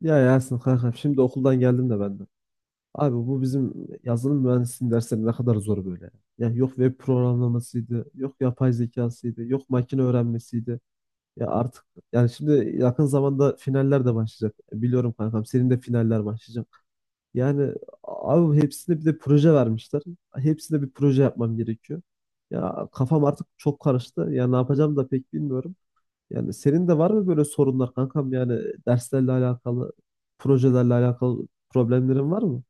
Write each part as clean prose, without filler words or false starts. Ya Yasin kankam şimdi okuldan geldim de ben de. Abi bu bizim yazılım mühendisliğinin dersleri ne kadar zor böyle. Ya yok web programlamasıydı, yok yapay zekasıydı, yok makine öğrenmesiydi. Ya artık yani şimdi yakın zamanda finaller de başlayacak. Biliyorum kankam senin de finaller başlayacak. Yani abi hepsine bir de proje vermişler. Hepsine bir proje yapmam gerekiyor. Ya kafam artık çok karıştı. Ya ne yapacağım da pek bilmiyorum. Yani senin de var mı böyle sorunlar kankam? Yani derslerle alakalı, projelerle alakalı problemlerin var mı?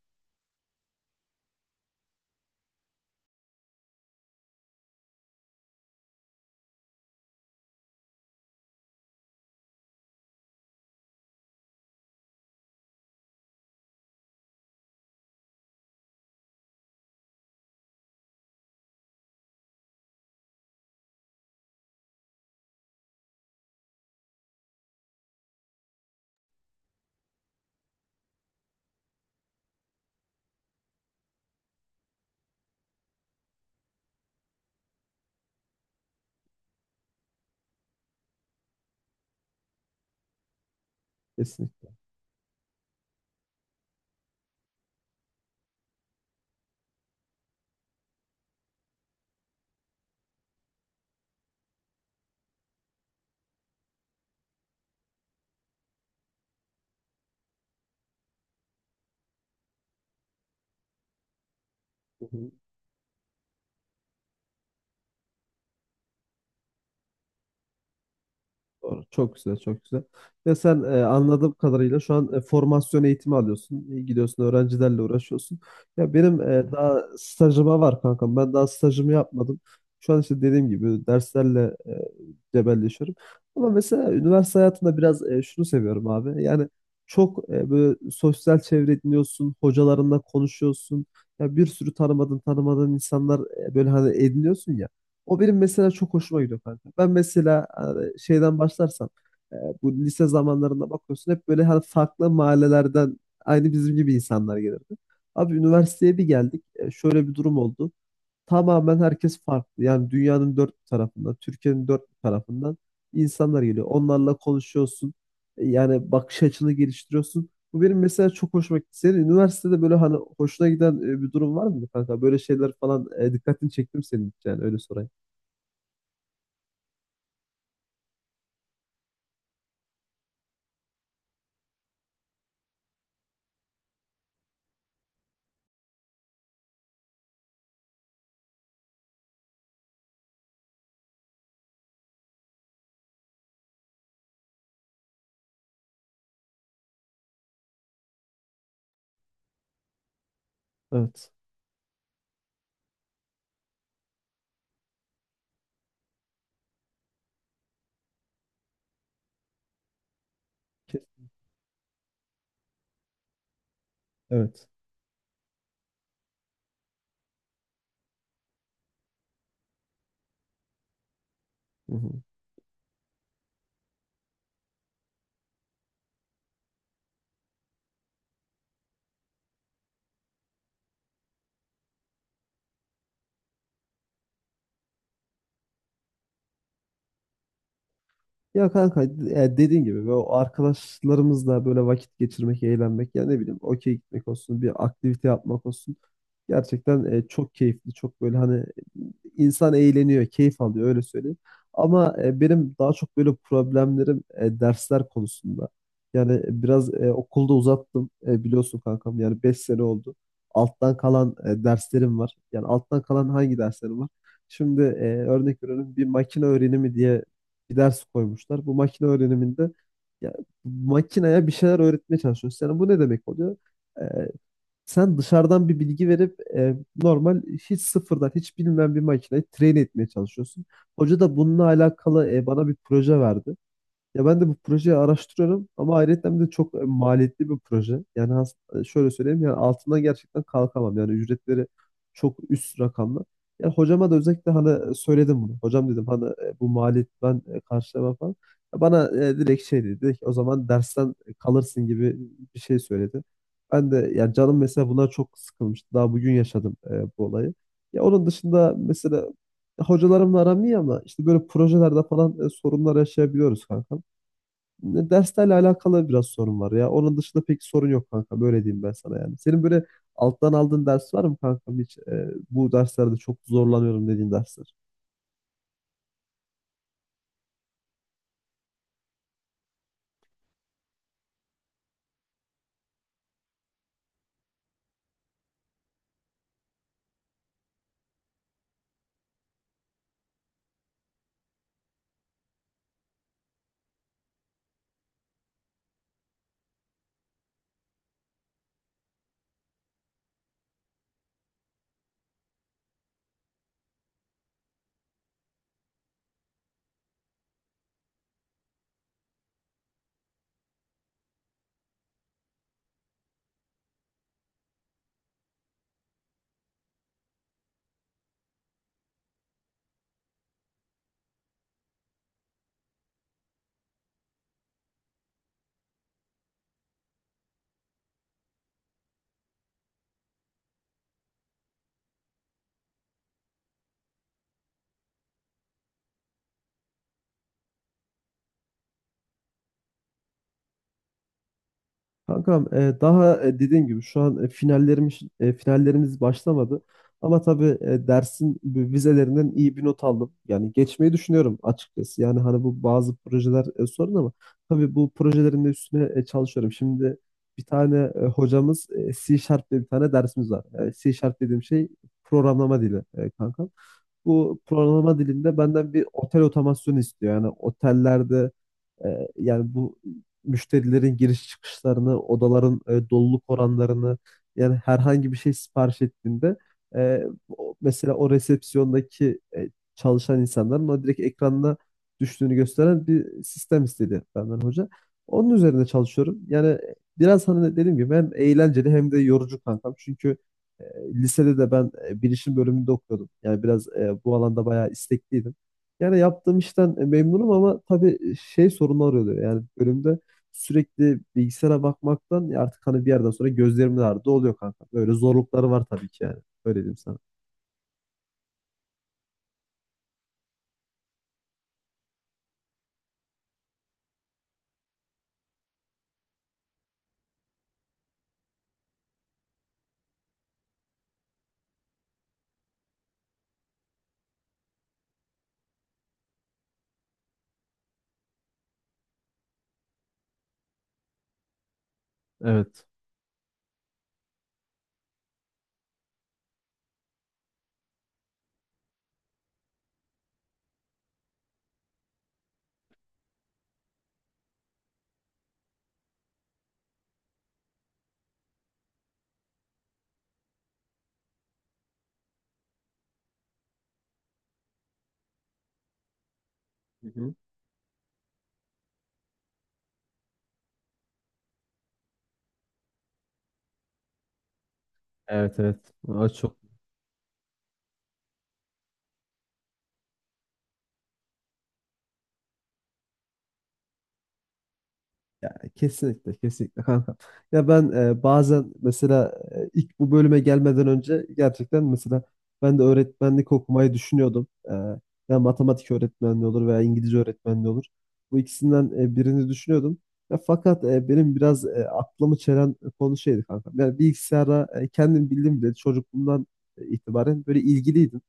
Kesinlikle. Doğru. Çok güzel, çok güzel. Ya sen anladığım kadarıyla şu an formasyon eğitimi alıyorsun. Gidiyorsun öğrencilerle uğraşıyorsun. Ya benim daha stajıma var kankam. Ben daha stajımı yapmadım. Şu an işte dediğim gibi derslerle e, cebelleşiyorum. Ama mesela üniversite hayatında biraz şunu seviyorum abi. Yani çok böyle sosyal çevre ediniyorsun, hocalarınla konuşuyorsun. Ya bir sürü tanımadığın tanımadığın insanlar böyle hani ediniyorsun ya. O benim mesela çok hoşuma gidiyor kanka. Ben mesela hani şeyden başlarsam e, bu lise zamanlarında bakıyorsun hep böyle hani farklı mahallelerden aynı bizim gibi insanlar gelirdi. Abi üniversiteye bir geldik. Şöyle bir durum oldu. Tamamen herkes farklı. Yani dünyanın dört bir tarafından, Türkiye'nin dört bir tarafından insanlar geliyor. Onlarla konuşuyorsun. Yani bakış açını geliştiriyorsun. Bu benim mesela çok hoşuma gitti. Senin üniversitede böyle hani hoşuna giden bir durum var mı kanka? Böyle şeyler falan dikkatini çektim senin hiç yani öyle sorayım. Evet. Kes- Evet. Hı hı. Ya kanka ya dediğin gibi böyle o arkadaşlarımızla böyle vakit geçirmek, eğlenmek ya ne bileyim okey gitmek olsun, bir aktivite yapmak olsun. Gerçekten çok keyifli, çok böyle hani insan eğleniyor, keyif alıyor öyle söyleyeyim. Ama benim daha çok böyle problemlerim dersler konusunda. Yani biraz okulda uzattım biliyorsun kankam yani 5 sene oldu. Alttan kalan derslerim var. Yani alttan kalan hangi derslerim var? Şimdi örnek veriyorum bir makine öğrenimi diye bir ders koymuşlar. Bu makine öğreniminde ya, makineye bir şeyler öğretmeye çalışıyorsun. Yani bu ne demek oluyor? Ee, Sen dışarıdan bir bilgi verip normal hiç sıfırdan hiç bilmeyen bir makineyi train etmeye çalışıyorsun. Hoca da bununla alakalı bana bir proje verdi. Ya ben de bu projeyi araştırıyorum ama ayrıca de çok maliyetli bir proje. Yani şöyle söyleyeyim yani altından gerçekten kalkamam. Yani ücretleri çok üst rakamlı. Yani hocama da özellikle hani söyledim bunu. Hocam dedim hani bu maliyet ben karşılamam falan. Ya bana direkt şey dedi. Dedi ki, o zaman dersten kalırsın gibi bir şey söyledi. Ben de yani canım mesela buna çok sıkılmıştı. Daha bugün yaşadım bu olayı. Ya onun dışında mesela hocalarımla aram iyi ama işte böyle projelerde falan sorunlar yaşayabiliyoruz kanka. Derslerle alakalı biraz sorun var ya. Onun dışında pek sorun yok kanka. Böyle diyeyim ben sana yani. Senin böyle alttan aldığın ders var mı kankam hiç? Bu derslerde çok zorlanıyorum dediğin dersler. Kankam daha dediğim gibi şu an finallerimiz başlamadı. Ama tabii dersin bu vizelerinden iyi bir not aldım. Yani geçmeyi düşünüyorum açıkçası. Yani hani bu bazı projeler sorun ama tabii bu projelerin de üstüne çalışıyorum. Şimdi bir tane hocamız C# diye bir tane dersimiz var. C Sharp dediğim şey programlama dili kankam. Bu programlama dilinde benden bir otel otomasyonu istiyor. Yani otellerde yani bu müşterilerin giriş çıkışlarını, odaların doluluk oranlarını yani herhangi bir şey sipariş ettiğinde mesela o resepsiyondaki çalışan insanların o direkt ekranına düştüğünü gösteren bir sistem istedi benden hoca. Onun üzerinde çalışıyorum. Yani biraz hani dediğim gibi hem eğlenceli hem de yorucu kankam. Çünkü e, lisede de ben bilişim bölümünde okuyordum. Yani biraz bu alanda bayağı istekliydim. Yani yaptığım işten memnunum ama tabii şey sorunlar oluyor. Yani bölümde sürekli bilgisayara bakmaktan ya artık hani bir yerden sonra gözlerim de ağrıdı oluyor kanka. Böyle zorlukları var tabii ki yani. Öyle diyeyim sana. Evet. Hı hı. Evet, evet. Aa, çok. Yani kesinlikle kesinlikle kanka. Ya ben bazen mesela ilk bu bölüme gelmeden önce gerçekten mesela ben de öğretmenlik okumayı düşünüyordum. Ya matematik öğretmenliği olur veya İngilizce öğretmenliği olur. Bu ikisinden birini düşünüyordum. Ya fakat benim biraz aklımı çelen konu şeydi kanka. Yani bilgisayara kendim bildim bile çocukluğumdan itibaren böyle ilgiliydim.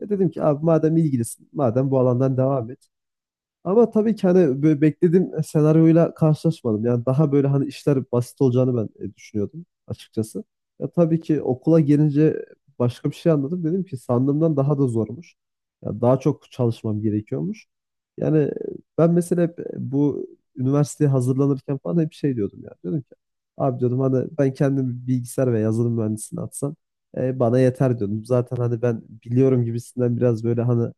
Ya dedim ki abi madem ilgilisin, madem bu alandan devam et. Ama tabii ki hani böyle beklediğim senaryoyla karşılaşmadım. Yani daha böyle hani işler basit olacağını ben düşünüyordum açıkçası. Ya tabii ki okula gelince başka bir şey anladım. Dedim ki sandığımdan daha da zormuş. Ya daha çok çalışmam gerekiyormuş. Yani ben mesela hep bu üniversiteye hazırlanırken falan hep şey diyordum yani. Diyordum ki abi diyordum hani ben kendimi bilgisayar ve yazılım mühendisliğine atsam bana yeter diyordum. Zaten hani ben biliyorum gibisinden biraz böyle hani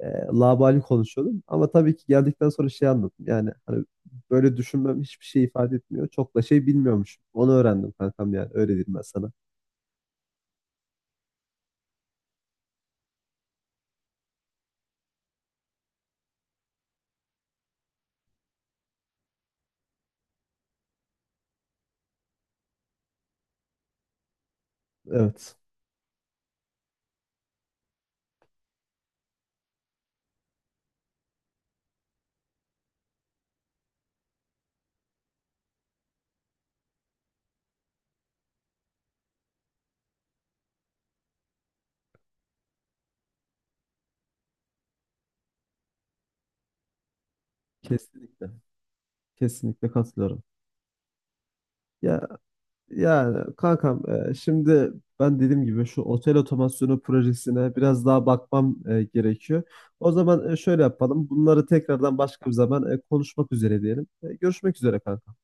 e, laubali konuşuyordum. Ama tabii ki geldikten sonra şey anladım. Yani hani böyle düşünmem hiçbir şey ifade etmiyor. Çok da şey bilmiyormuşum. Onu öğrendim kankam yani. Öyle diyeyim ben sana. Evet. Kesinlikle. Kesinlikle katılıyorum. Ya yani kankam şimdi ben dediğim gibi şu otel otomasyonu projesine biraz daha bakmam gerekiyor. O zaman şöyle yapalım. Bunları tekrardan başka bir zaman konuşmak üzere diyelim. Görüşmek üzere kankam.